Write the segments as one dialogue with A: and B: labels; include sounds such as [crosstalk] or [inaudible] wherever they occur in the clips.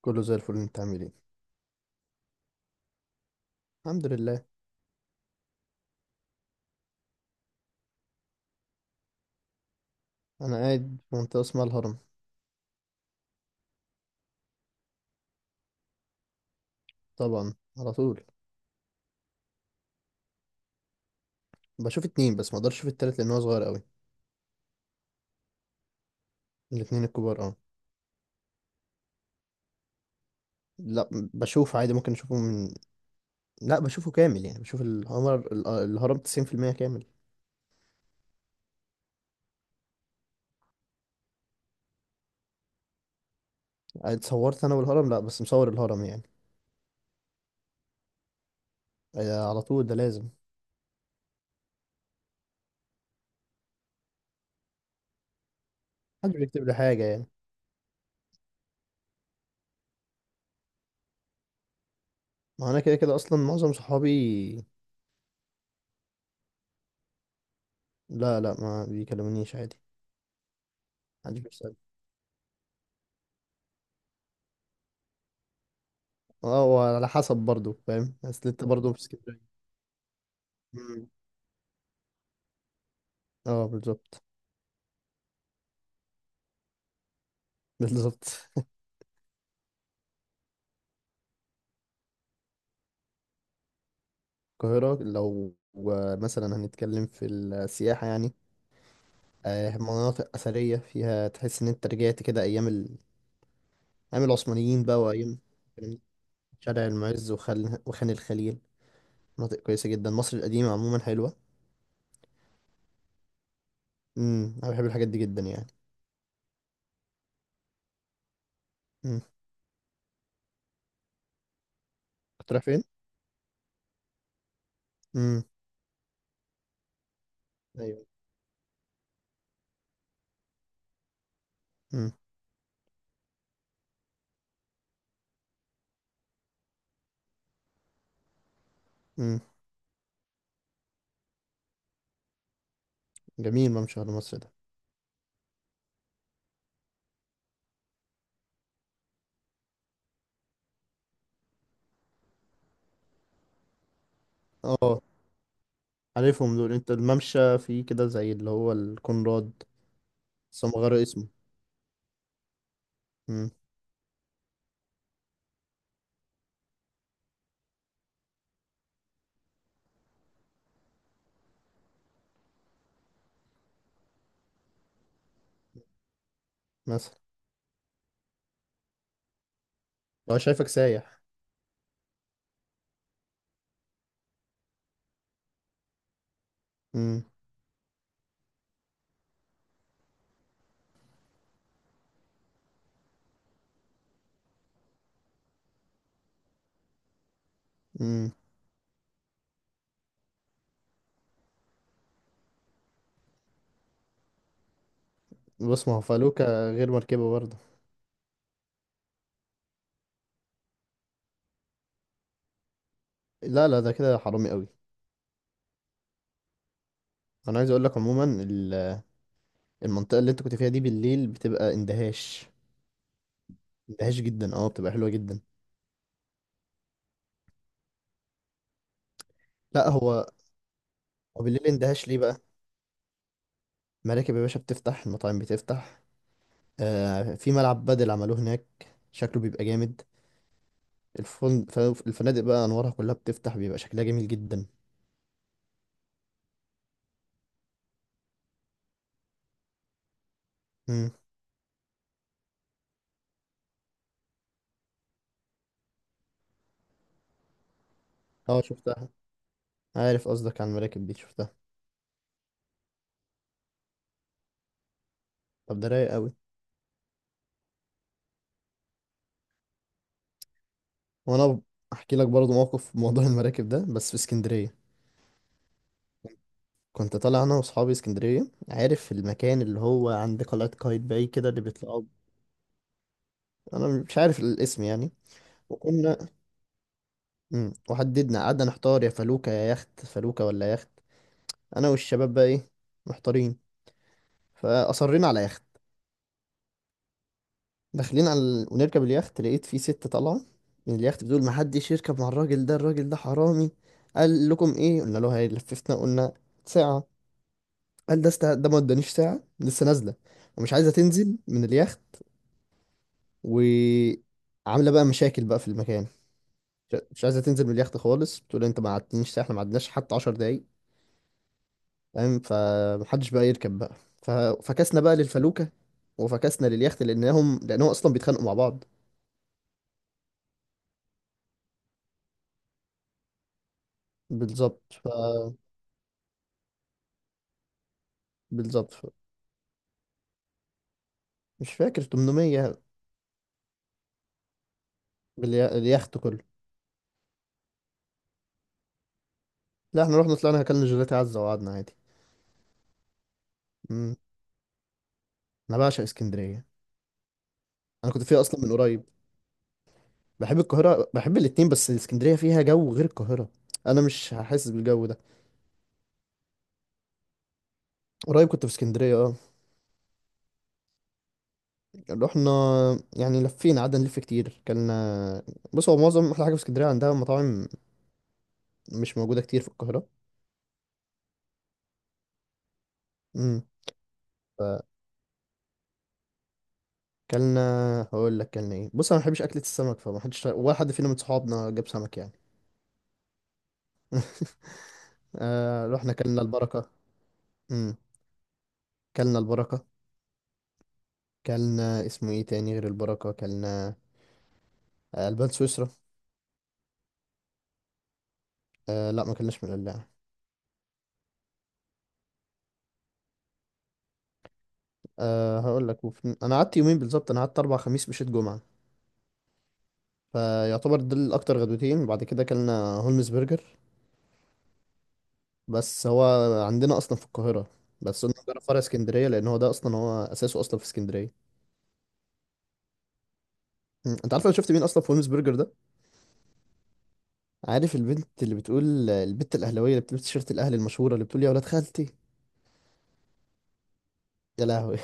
A: كله زي الفل، انت عامل ايه؟ الحمد لله. انا قاعد في منطقه اسمها الهرم. طبعا، على طول. بشوف اتنين بس، ما اقدرش اشوف التالت لان هو صغير قوي. الاتنين الكبار، اه. لا، بشوف عادي، ممكن اشوفه من. لا، بشوفه كامل يعني، بشوف الهرم 90% كامل. اتصورت انا والهرم؟ لا، بس مصور الهرم يعني. اه، على طول، ده لازم. محدش بيكتب لي حاجه يعني. ما انا كده كده اصلا معظم صحابي. لا لا، ما بيكلمونيش عادي. محدش بيسأل. اه، وعلى حسب برضو، فاهم، اصل انت برضو في اسكندريه. مم. اه، بالظبط. [laughs] بالظبط. القاهرة لو مثلا هنتكلم في السياحة يعني، آه، مناطق أثرية فيها تحس إن أنت رجعت كده أيام العثمانيين بقى وأيام. شارع المعز وخان الخليل، مناطق كويسة جدا، مصر القديمة عموما حلوة. امم، أنا بحب الحاجات دي جدا يعني. امم. كنت رايح فين؟ امم. أيوه. امم. امم. جميل، ممشى على مصر ده. اه، عارفهم دول، أنت الممشى فيه كده زي اللي هو الكونراد؟ بس هم غيروا اسمه. امم. مثلا. هو شايفك سايح. امم. بص، ما هو فالوكا غير مركبه برضه. لا لا، ده كده حرامي قوي. انا عايز اقول لك عموما، المنطقه اللي انت كنت فيها دي بالليل بتبقى اندهاش. اندهاش جدا، اه، بتبقى حلوه جدا. لا، هو بالليل اندهاش ليه بقى؟ مراكب يا باشا بتفتح، المطاعم بتفتح. آه، في ملعب بدل عملوه هناك، شكله بيبقى جامد. الفن... ف- الفنادق بقى انوارها كلها بتفتح، بيبقى شكلها جميل جدا. امم. اه، شفتها. عارف قصدك، عن المراكب دي شفتها. طب ده رايق قوي. وانا احكي لك برضه موقف في موضوع المراكب ده، بس في اسكندريه. كنت طالع انا واصحابي اسكندريه، عارف المكان اللي هو عند قلعه قايتباي كده، اللي بيطلعوا. انا مش عارف الاسم يعني. وكنا. مم. وحددنا، قعدنا نحتار يا فلوكه يا يخت، فلوكه ولا يخت. انا والشباب بقى ايه، محتارين. فاصرينا على يخت. داخلين على ونركب اليخت، لقيت في ست طالعه من اليخت بتقول: ما حدش يركب مع الراجل ده، الراجل ده حرامي. قال لكم ايه؟ قلنا له هيلففنا، قلنا ساعه. قال ده ده ما ادانيش ساعه، لسه نازله، ومش عايزه تنزل من اليخت. وعامله بقى مشاكل بقى في المكان. مش عايزه تنزل من اليخت خالص، بتقول انت ما قعدتنيش ساعه، احنا ما قعدناش حتى 10 دقايق. فاهم؟ فمحدش بقى يركب بقى. ففكسنا بقى للفلوكه وفكسنا لليخت، لانهم اصلا بيتخانقوا مع بعض. بالظبط. بالظبط. مش فاكر، 800، اليخت كله. لا، احنا رحنا، طلعنا اكلنا جيلاتي عزه وقعدنا عادي. مم. انا بعشق اسكندريه. انا كنت فيها اصلا من قريب. بحب القاهره، بحب الاتنين، بس اسكندريه فيها جو غير القاهره، انا مش هحس بالجو ده. قريب كنت في اسكندرية، اه. رحنا، يعني لفينا، قعدنا نلف كتير، كان، بص، هو معظم أحلى حاجة في اسكندرية عندها مطاعم مش موجودة كتير في القاهرة. امم. فكلنا، هقول لك كلنا ايه، بص، أنا ما بحبش أكلة السمك، فما حدش ولا حد فينا من صحابنا جاب سمك يعني. [laughs] آه، رحنا كلنا البركة. امم. كلنا البركة. كلنا اسمه ايه تاني غير البركة، كلنا آه، البان سويسرا. آه لا، ما كلناش من القلاع. آه هقول لك، انا قعدت يومين بالظبط، انا قعدت اربع، خميس مشيت جمعة. فيعتبر دول اكتر غدوتين، بعد كده اكلنا هولمز برجر. بس هو عندنا اصلا في القاهره، بس قلنا نجرب فرع اسكندريه لان هو ده اصلا، هو اساسه اصلا في اسكندريه. مم. انت عارف انا شفت مين اصلا في هولمز برجر ده؟ عارف البنت اللي بتقول، البنت الاهلاويه اللي بتلبس تيشيرت الاهلي المشهوره اللي بتقول يا ولاد خالتي، يا لهوي؟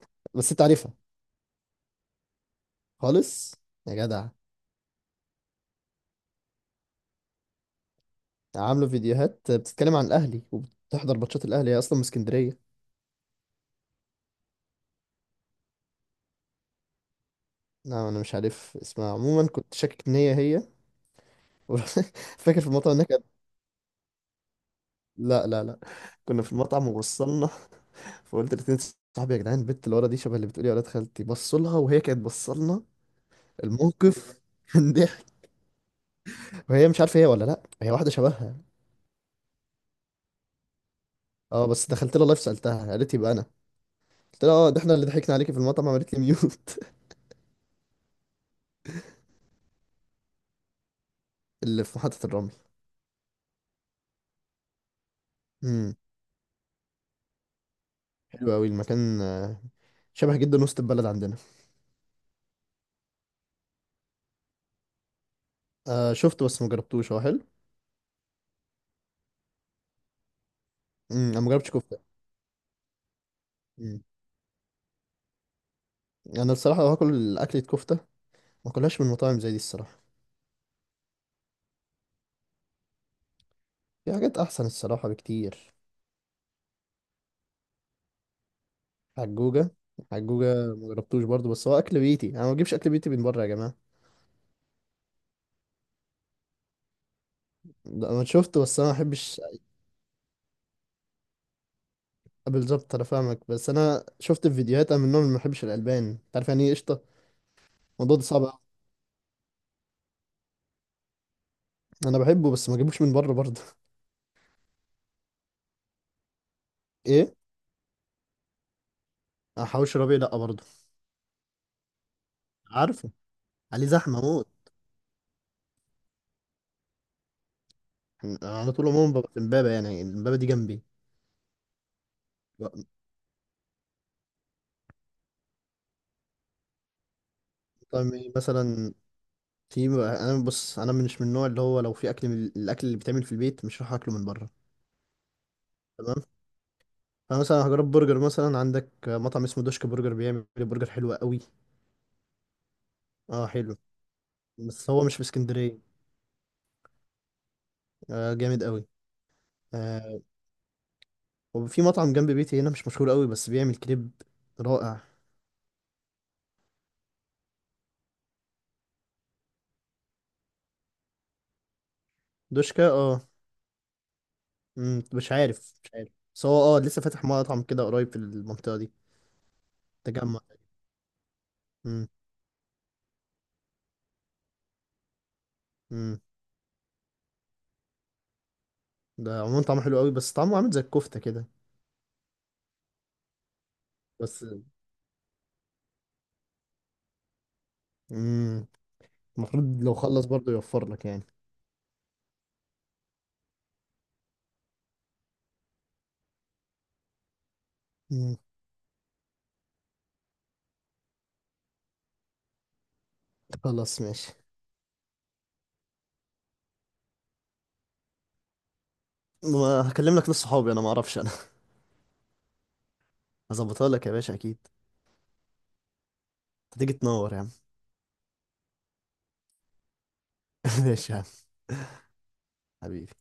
A: [laughs] بس انت عارفها. خالص. يا جدع. عامله فيديوهات بتتكلم عن الاهلي وبتحضر ماتشات الاهلي، هي اصلا من اسكندريه. لا، انا مش عارف اسمها عموما، كنت شاكك ان هي هي. [laughs] فاكر في المطعم هناك. لا لا لا، كنا في المطعم ووصلنا. [laughs] فقلت لاتنين صاحبي: يا جدعان، البت اللي ورا دي شبه اللي بتقولي يا ولاد خالتي، بصوا لها، وهي كانت بصلنا. الموقف [laughs] كان ضحك. وهي مش عارفه هي ولا لا، هي واحده شبهها. اه، بس دخلت لها لايف، سالتها، قالت يبقى انا. قلت لها اه، ده احنا اللي ضحكنا عليكي في المطعم، عملت لي ميوت. [laughs] اللي في محطه الرمل. امم. حلو قوي المكان، آه، شبه جدا وسط البلد عندنا. آه شفته بس ما جربتوش، هو حلو. امم. انا ما جربتش كفته. امم. انا الصراحه لو هاكل اكله كفته، ما اكلهاش من مطاعم زي دي الصراحه. في حاجات احسن الصراحه بكتير. حجوجة؟ حجوجة، ما جربتوش برضه، بس هو اكل بيتي، انا ما بجيبش اكل بيتي من بره يا جماعة. ده انا شفته بس انا ما بحبش. بالظبط، انا فاهمك، بس انا شفت في فيديوهات، انا من النوع اللي ما بحبش الالبان، انت عارف يعني ايه قشطة، الموضوع ده صعب أوي. انا بحبه بس ما بجيبوش من بره برضه. [laughs] ايه؟ أنا حواوشي ربيع لا برضه. عارفه، عليه زحمة موت. أنا على طول عموما ببقى في امبابة، يعني امبابة دي جنبي. طب إيه مثلا؟ في، انا بص، انا مش من النوع اللي هو لو في اكل من الاكل اللي بيتعمل في البيت، مش هروح اكله من بره. انا مثلا هجرب برجر، مثلا عندك مطعم اسمه دوشك برجر، بيعمل برجر حلو قوي. اه حلو. بس هو مش في اسكندريه. آه جامد قوي. آه، وفي مطعم جنب بيتي هنا مش مشهور قوي، بس بيعمل كريب رائع. دوشكا، اه. مم، مش عارف مش عارف. بس هو اه لسه فاتح مطعم كده قريب في المنطقه دي، تجمع. مم. مم. ده عموما طعمه حلو قوي، بس طعمه عامل زي الكفته كده. بس. مم. المفروض لو خلص برضه يوفر لك يعني. مم. خلاص، ماشي. ما هكلم لك ناس صحابي، انا ما اعرفش. هظبطها لك يا باشا اكيد. هتيجي تنور يا عم. [laughs] ماشي يا عم. حبيبي.